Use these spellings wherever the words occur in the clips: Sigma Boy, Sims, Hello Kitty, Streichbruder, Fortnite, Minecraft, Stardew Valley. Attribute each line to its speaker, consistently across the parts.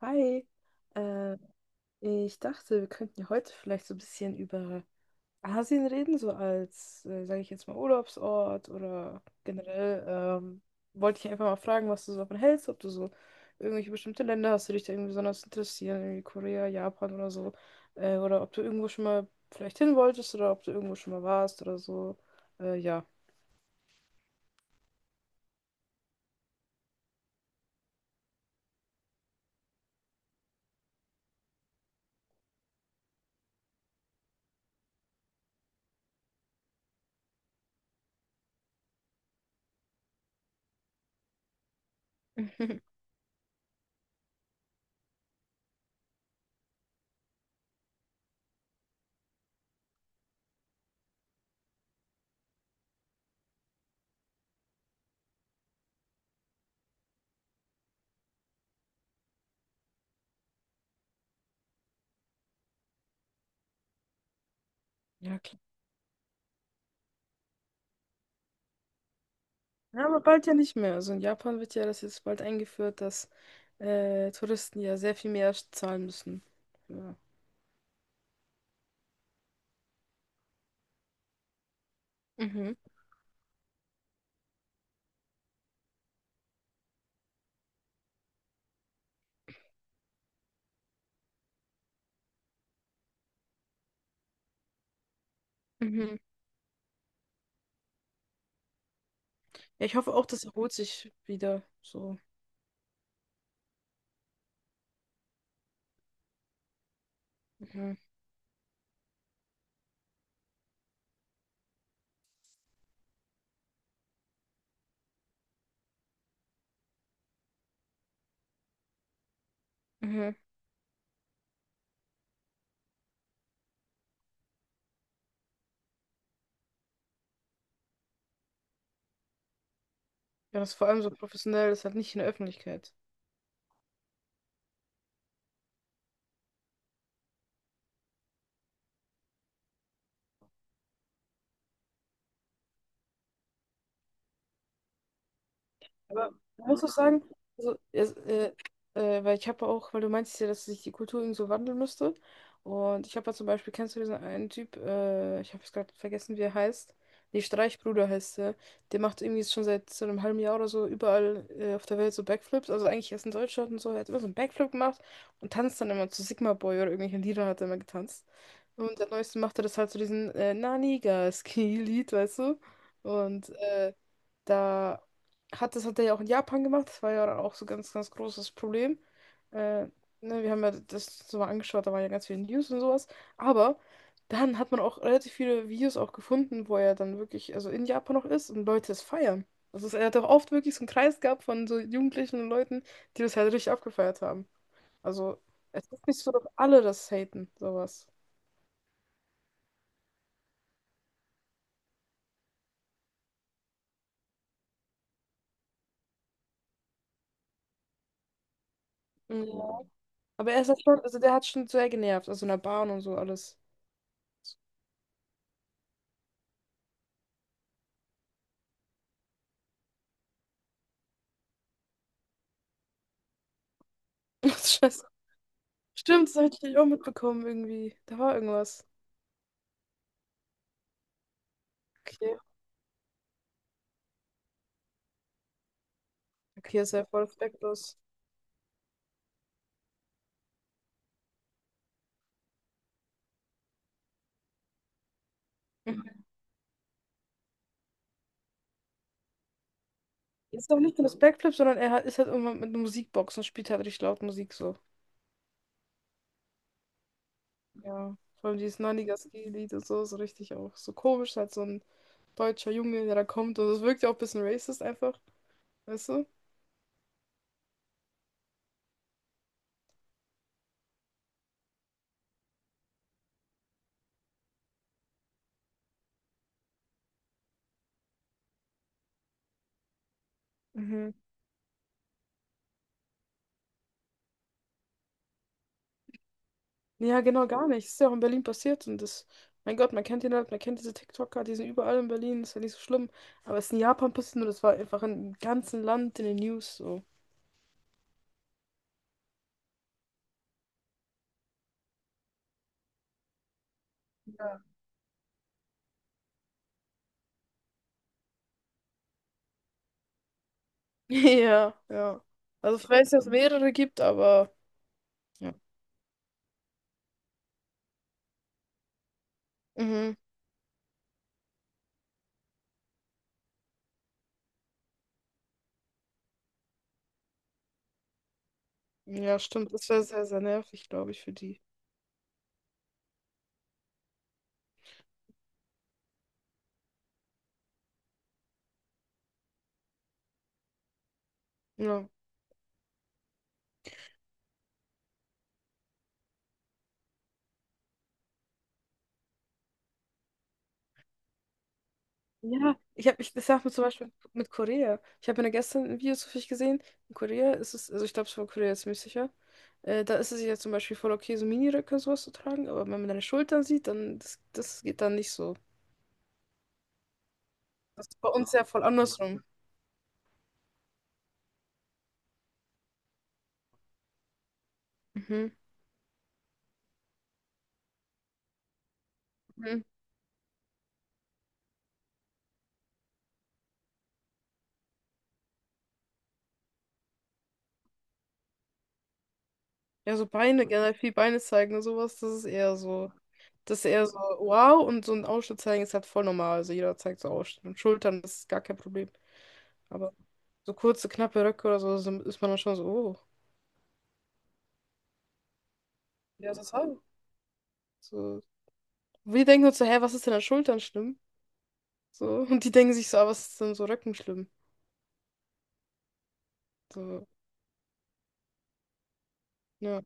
Speaker 1: Hi, äh, ich dachte, wir könnten ja heute vielleicht so ein bisschen über Asien reden, so als, sage ich jetzt mal, Urlaubsort oder generell. Wollte ich einfach mal fragen, was du so davon hältst, ob du so irgendwelche bestimmte Länder hast, die dich da irgendwie besonders interessieren, irgendwie Korea, Japan oder so, oder ob du irgendwo schon mal vielleicht hin wolltest oder ob du irgendwo schon mal warst oder so. Ja. Ja, klar. Ja, aber bald ja nicht mehr. Also in Japan wird ja das jetzt bald eingeführt, dass Touristen ja sehr viel mehr zahlen müssen. Ja. Mhm. Mhm. Ja, ich hoffe auch, das erholt sich wieder. So. Mhm. Mhm. Ja, das ist vor allem so professionell, das ist halt nicht in der Öffentlichkeit. Aber du musst auch sagen, also, weil ich habe auch, weil du meintest ja, dass sich die Kultur irgendwie so wandeln müsste. Und ich habe ja zum Beispiel, kennst du diesen einen Typ, ich habe es gerade vergessen, wie er heißt. Nee, Streichbruder heißt er. Der macht irgendwie schon seit so einem halben Jahr oder so überall auf der Welt so Backflips. Also eigentlich erst in Deutschland und so. Er hat immer so einen Backflip gemacht und tanzt dann immer zu Sigma Boy oder irgendwelchen Liedern hat er immer getanzt. Und der Neueste macht er das halt zu so diesen Naniga-Ski-Lied, weißt du? Und da hat das hat er ja auch in Japan gemacht. Das war ja dann auch so ganz, ganz großes Problem. Äh, ne, wir haben ja das so mal angeschaut, da waren ja ganz viele News und sowas. Aber dann hat man auch relativ viele Videos auch gefunden, wo er dann wirklich, also in Japan noch ist und Leute es feiern. Also er hat auch oft wirklich so einen Kreis gehabt von so Jugendlichen und Leuten, die das halt richtig abgefeiert haben. Also es ist nicht so, dass alle das haten, sowas. Ja. Aber er ist halt schon, also der hat schon sehr genervt, also in der Bahn und so alles. Das ist Stimmt, das habe ich auch mitbekommen irgendwie. Da war irgendwas. Okay. Okay, ist ja voll respektlos. Ist doch nicht nur das Backflip, sondern er hat, ist halt irgendwann mit einer Musikbox und spielt halt richtig laut Musik so. Ja. Vor allem dieses 90 ski lied und so, so richtig auch so komisch, halt so ein deutscher Junge, der da kommt. Und das wirkt ja auch ein bisschen racist einfach, weißt du? Mhm. Ja, genau, gar nicht. Das ist ja auch in Berlin passiert und das, mein Gott, man kennt ihn halt, man kennt diese TikToker, die sind überall in Berlin, ist ja nicht so schlimm. Aber es ist in Japan passiert und das war einfach im ganzen Land in den News so. Ja, ja. Also ich weiß, dass es mehrere gibt, aber ja. Mhm. Ja, stimmt. Das wäre sehr, sehr nervig, glaube ich, für die. Ja. Ja, das sagt mir zum Beispiel mit Korea. Ich habe mir gestern ein Video zufällig gesehen. In Korea ist es, also ich glaube, es war Korea ziemlich sicher. Da ist es ja zum Beispiel voll okay, so Miniröcke und sowas zu tragen, aber wenn man deine Schultern sieht, dann das geht dann nicht so. Das ist bei uns ja voll andersrum. Mhm. Mhm. Ja, so Beine, generell viel Beine zeigen und sowas, das ist eher so. Das ist eher so, wow, und so ein Ausschnitt zeigen ist halt voll normal. Also jeder zeigt so Ausschnitt. Und Schultern, das ist gar kein Problem. Aber so kurze, knappe Röcke oder so, so ist man dann schon so, oh, ja, das halt. So. Wir denken uns so, hä, was ist denn an Schultern schlimm? So, und die denken sich so, ah, was ist denn so Röcken schlimm? So, ja.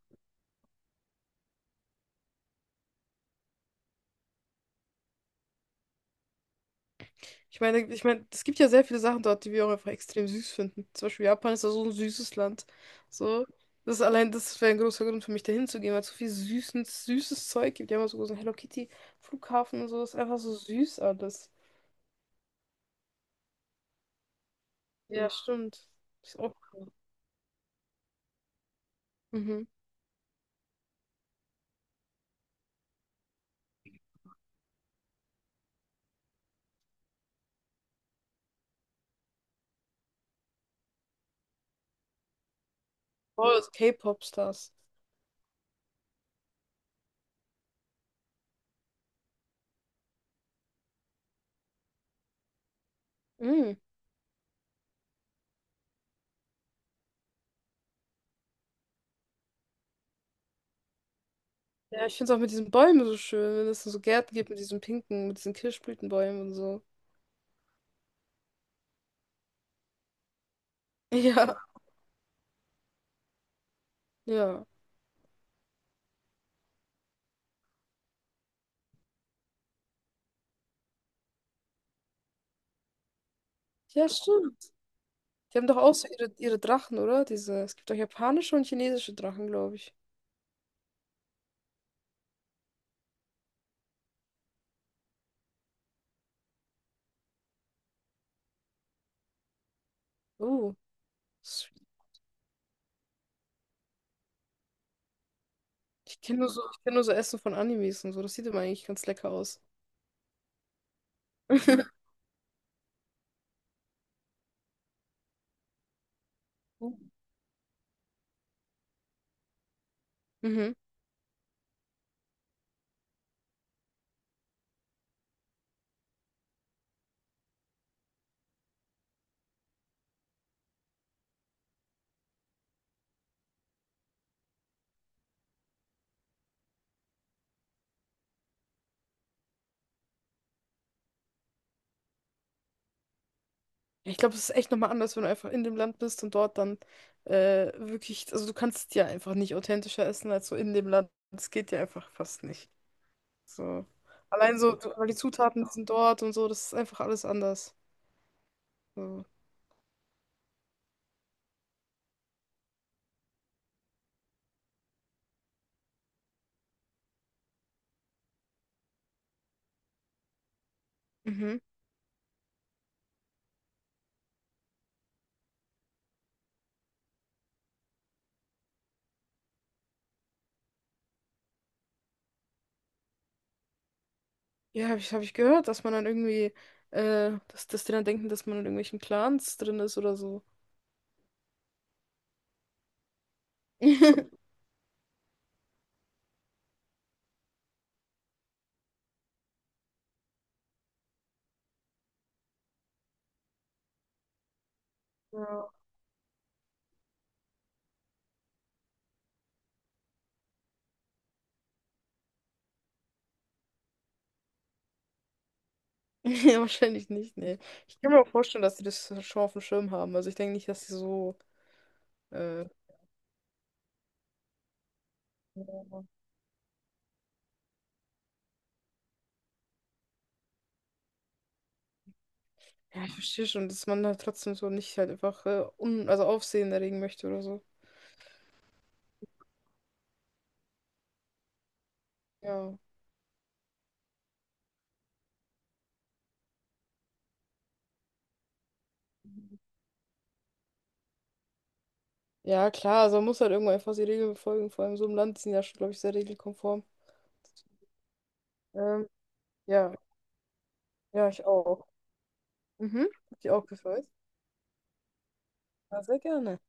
Speaker 1: Ich meine, es gibt ja sehr viele Sachen dort, die wir auch einfach extrem süß finden. Zum Beispiel Japan ist ja so ein süßes Land. So, das ist allein, das wäre ein großer Grund für mich, dahin zu gehen, weil es so viel süßes, süßes Zeug gibt. Die haben auch so einen Hello Kitty Flughafen und so. Das ist einfach so süß alles. Ja, stimmt. Ist auch cool. Mhm. Oh, das K-Pop-Stars. Mhm. Ja, ich finde es auch mit diesen Bäumen so schön, wenn es so Gärten gibt mit diesen pinken, mit diesen Kirschblütenbäumen und so. Ja, ja. Ja, stimmt. Die haben doch auch so ihre, ihre Drachen, oder? Diese, es gibt doch japanische und chinesische Drachen, glaube ich. Oh, s- ich kenn nur so Essen von Animes und so. Das sieht immer eigentlich ganz lecker aus. Mhm. Ja, ich glaube, es ist echt nochmal anders, wenn du einfach in dem Land bist und dort dann wirklich, also du kannst ja einfach nicht authentischer essen als so in dem Land. Das geht ja einfach fast nicht. So. Allein so, weil die Zutaten sind dort und so, das ist einfach alles anders. So. Mhm. Ja, habe ich, hab ich gehört, dass man dann irgendwie, dass die dann denken, dass man in irgendwelchen Clans drin ist oder so. Ja. Ja, wahrscheinlich nicht, nee. Ich kann mir auch vorstellen, dass die das schon auf dem Schirm haben. Also ich denke nicht, dass sie so, äh, ja, ich verstehe schon, dass man da trotzdem so nicht halt einfach un also Aufsehen erregen möchte oder so. Ja. Ja, klar, also man muss halt irgendwo einfach die Regeln befolgen. Vor allem so im Land sind ja schon, glaube ich, sehr regelkonform. Ähm, ja, ja, ich auch. Mhm. Hat dich auch gefreut. Ja, sehr gerne.